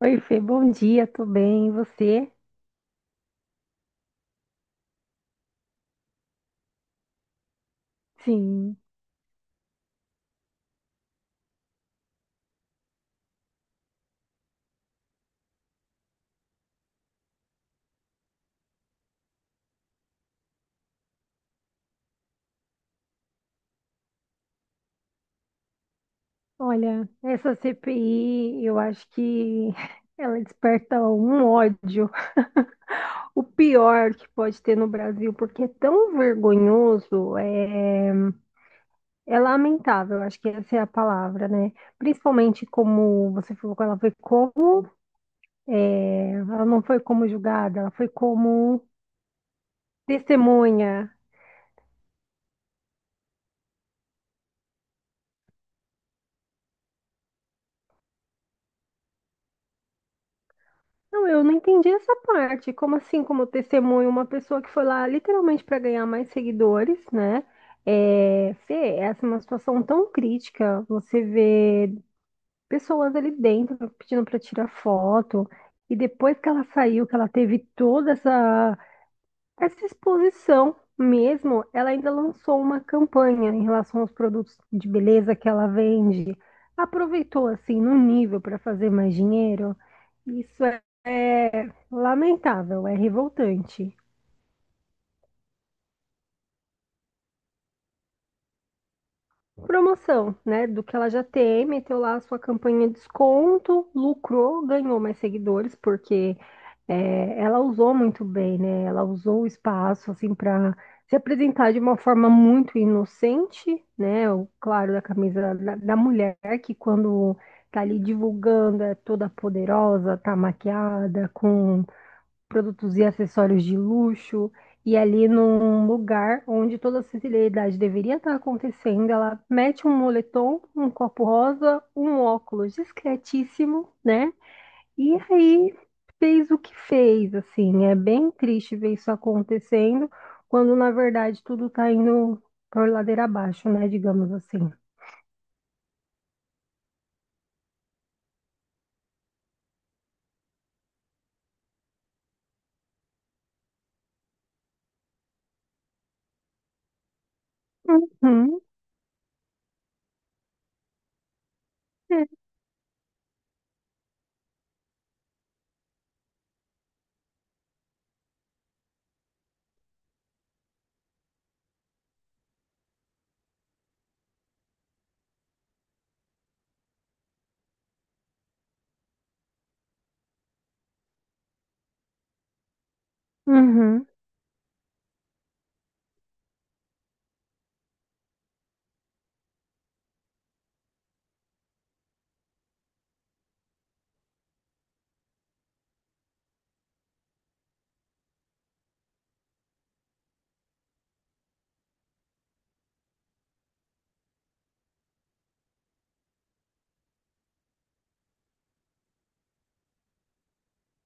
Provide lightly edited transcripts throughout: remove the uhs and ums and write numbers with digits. Oi, Fê, bom dia, tô bem, e você? Sim, olha, essa CPI, eu acho que ela desperta um ódio, o pior que pode ter no Brasil, porque é tão vergonhoso, é lamentável, eu acho que essa é a palavra, né? Principalmente como você falou que ela foi como, ela não foi como julgada, ela foi como testemunha. Não, eu não entendi essa parte. Como assim, como testemunho, uma pessoa que foi lá literalmente para ganhar mais seguidores, né? É, Fê, essa é uma situação tão crítica. Você vê pessoas ali dentro pedindo para tirar foto, e depois que ela saiu, que ela teve toda essa exposição mesmo, ela ainda lançou uma campanha em relação aos produtos de beleza que ela vende. Aproveitou assim no nível para fazer mais dinheiro. Isso é lamentável, é revoltante. Promoção, né? Do que ela já tem, meteu lá a sua campanha de desconto, lucrou, ganhou mais seguidores, porque é, ela usou muito bem, né? Ela usou o espaço, assim, para se apresentar de uma forma muito inocente, né? O claro da camisa da mulher, que quando tá ali divulgando é toda poderosa, tá maquiada, com produtos e acessórios de luxo, e ali num lugar onde toda a sensibilidade deveria estar acontecendo, ela mete um moletom, um copo rosa, um óculos discretíssimo, né? E aí fez o que fez, assim, é bem triste ver isso acontecendo, quando na verdade tudo tá indo por ladeira abaixo, né? Digamos assim. Uhum, é, uhum,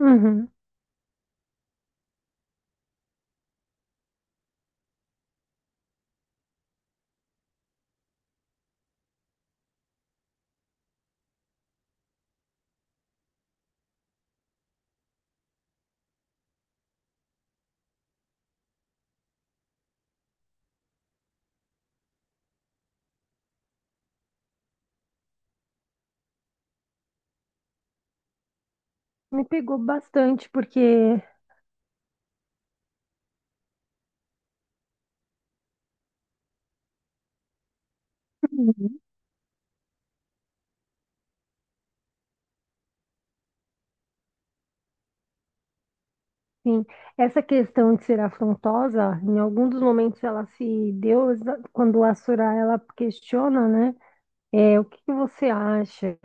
uhum. Me pegou bastante porque Sim, essa questão de ser afrontosa, em algum dos momentos ela se deu exa- quando a Surá ela questiona, né? É, o que que você acha?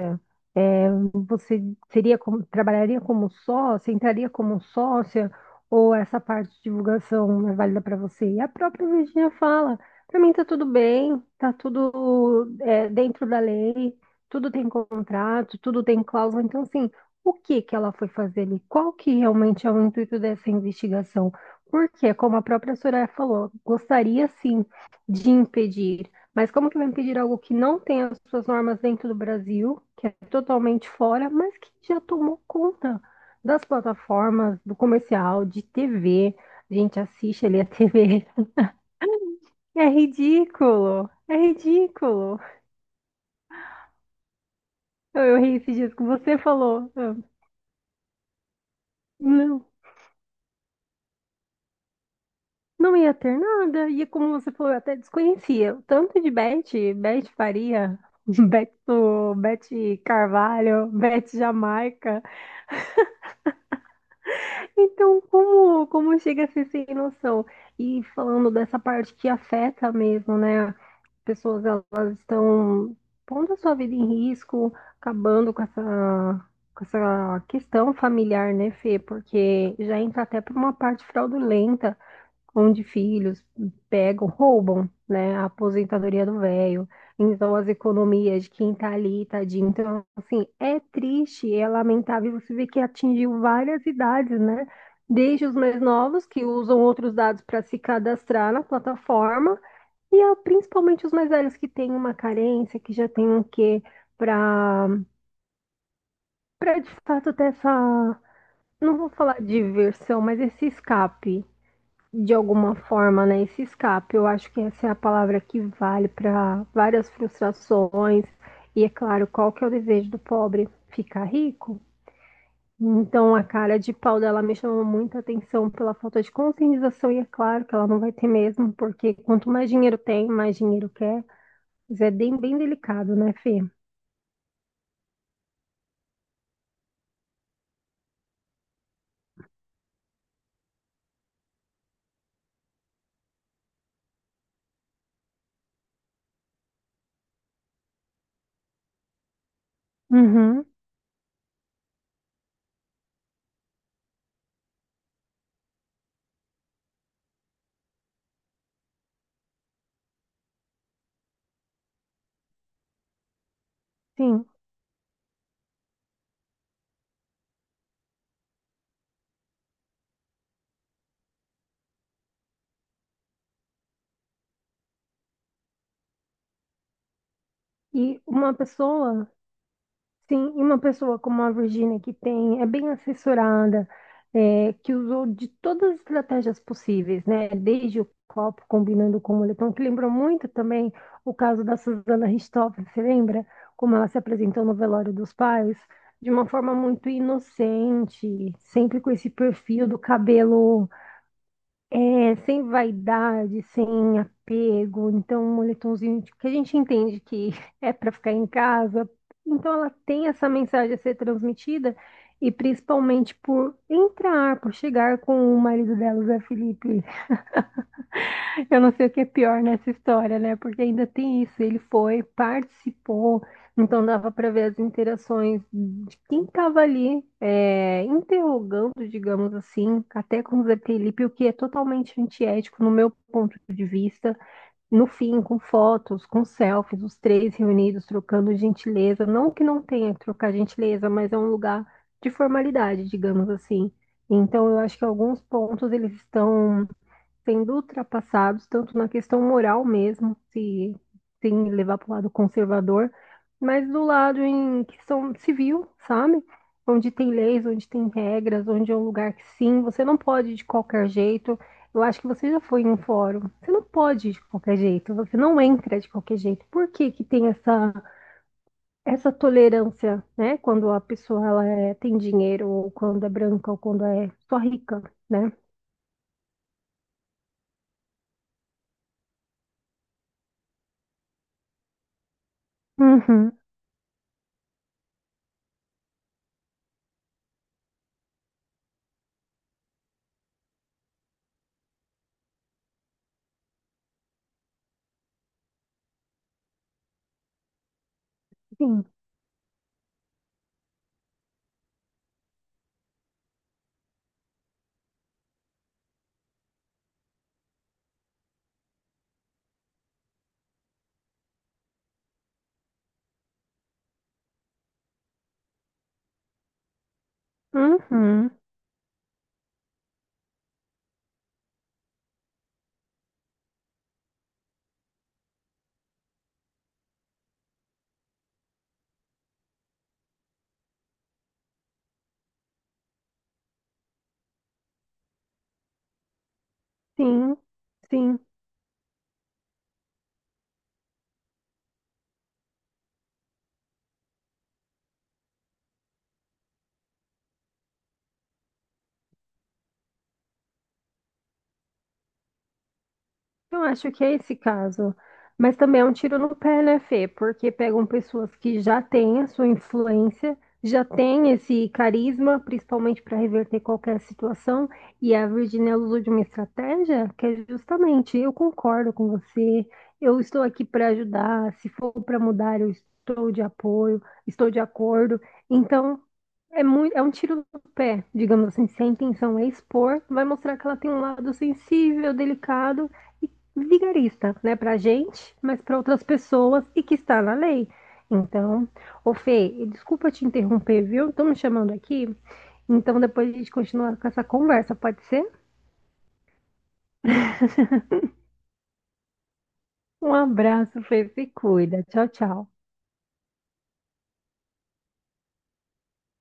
Você seria como- trabalharia como sócia, entraria como sócia, ou essa parte de divulgação não é válida para você? E a própria Virginia fala, para mim tá tudo bem, tá tudo é, dentro da lei, tudo tem contrato, tudo tem cláusula, então assim, o que que ela foi fazer ali? Qual que realmente é o intuito dessa investigação? Porque, como a própria Soraya falou, gostaria sim de impedir, mas como que vai impedir algo que não tem as suas normas dentro do Brasil, que é totalmente fora, mas que já tomou conta das plataformas, do comercial, de TV? A gente assiste ali a TV. É ridículo! É ridículo! Eu ri esses dias que você falou. Eu, não, não ia ter nada. E como você falou, eu até desconhecia. O tanto de Beth, Beth Faria, Beto, Beth Carvalho, Beth Jamaica. Então, como chega a ser sem noção? E falando dessa parte que afeta mesmo, né? Pessoas elas estão pondo a sua vida em risco, acabando com essa questão familiar, né, Fê? Porque já entra até para uma parte fraudulenta, onde filhos pegam, roubam, né, a aposentadoria do velho, então as economias de quem tá ali, tadinho. Então, assim, é triste, é lamentável você ver que atingiu várias idades, né? Desde os mais novos, que usam outros dados para se cadastrar na plataforma, e ah, principalmente os mais velhos que têm uma carência, que já têm um quê para para de fato ter essa, não vou falar diversão, mas esse escape de alguma forma, né? Esse escape, eu acho que essa é a palavra que vale para várias frustrações. E é claro, qual que é o desejo do pobre? Ficar rico. Então a cara de pau dela me chamou muita atenção pela falta de conscientização, e é claro que ela não vai ter mesmo, porque quanto mais dinheiro tem, mais dinheiro quer. Mas é bem delicado, né, Fê? Uhum, sim. E uma pessoa, sim, e uma pessoa como a Virginia, que tem, é bem assessorada, é, que usou de todas as estratégias possíveis, né? Desde o copo combinando com o moletom, que lembrou muito também o caso da Susana Richthofen, você lembra? Como ela se apresentou no velório dos pais, de uma forma muito inocente, sempre com esse perfil do cabelo. É, sem vaidade, sem apego, então um moletomzinho que a gente entende que é para ficar em casa. Então ela tem essa mensagem a ser transmitida e principalmente por entrar, por chegar com o marido dela, o Zé Felipe, eu não sei o que é pior nessa história, né? Porque ainda tem isso. Ele foi, participou, então dava para ver as interações de quem estava ali, é, interrogando, digamos assim, até com o Zé Felipe, o que é totalmente antiético no meu ponto de vista. No fim, com fotos, com selfies, os três reunidos trocando gentileza. Não que não tenha que trocar gentileza, mas é um lugar de formalidade, digamos assim. Então, eu acho que alguns pontos eles estão sendo ultrapassados, tanto na questão moral mesmo, se, sem levar para o lado conservador, mas do lado em questão civil, sabe? Onde tem leis, onde tem regras, onde é um lugar que sim, você não pode de qualquer jeito. Eu acho que você já foi em um fórum. Você não pode de qualquer jeito, você não entra de qualquer jeito. Por que que tem essa, essa tolerância, né? Quando a pessoa ela é- tem dinheiro, ou quando é branca, ou quando é só rica, né? Uhum, sim. Uhum. Sim, sim. Eu acho que é esse caso. Mas também é um tiro no pé, né, Fê? Porque pegam pessoas que já têm a sua influência, já têm esse carisma, principalmente para reverter qualquer situação, e a Virginia usou de uma estratégia que é justamente, eu concordo com você, eu estou aqui para ajudar, se for para mudar, eu estou de apoio, estou de acordo. Então, é muito, é um tiro no pé, digamos assim, se a intenção é expor, vai mostrar que ela tem um lado sensível, delicado e vigarista, né, pra gente, mas para outras pessoas e que está na lei. Então, ô Fê, desculpa te interromper, viu? Estão me chamando aqui. Então, depois a gente continua com essa conversa, pode ser? Um abraço, Fê, se cuida. Tchau, tchau.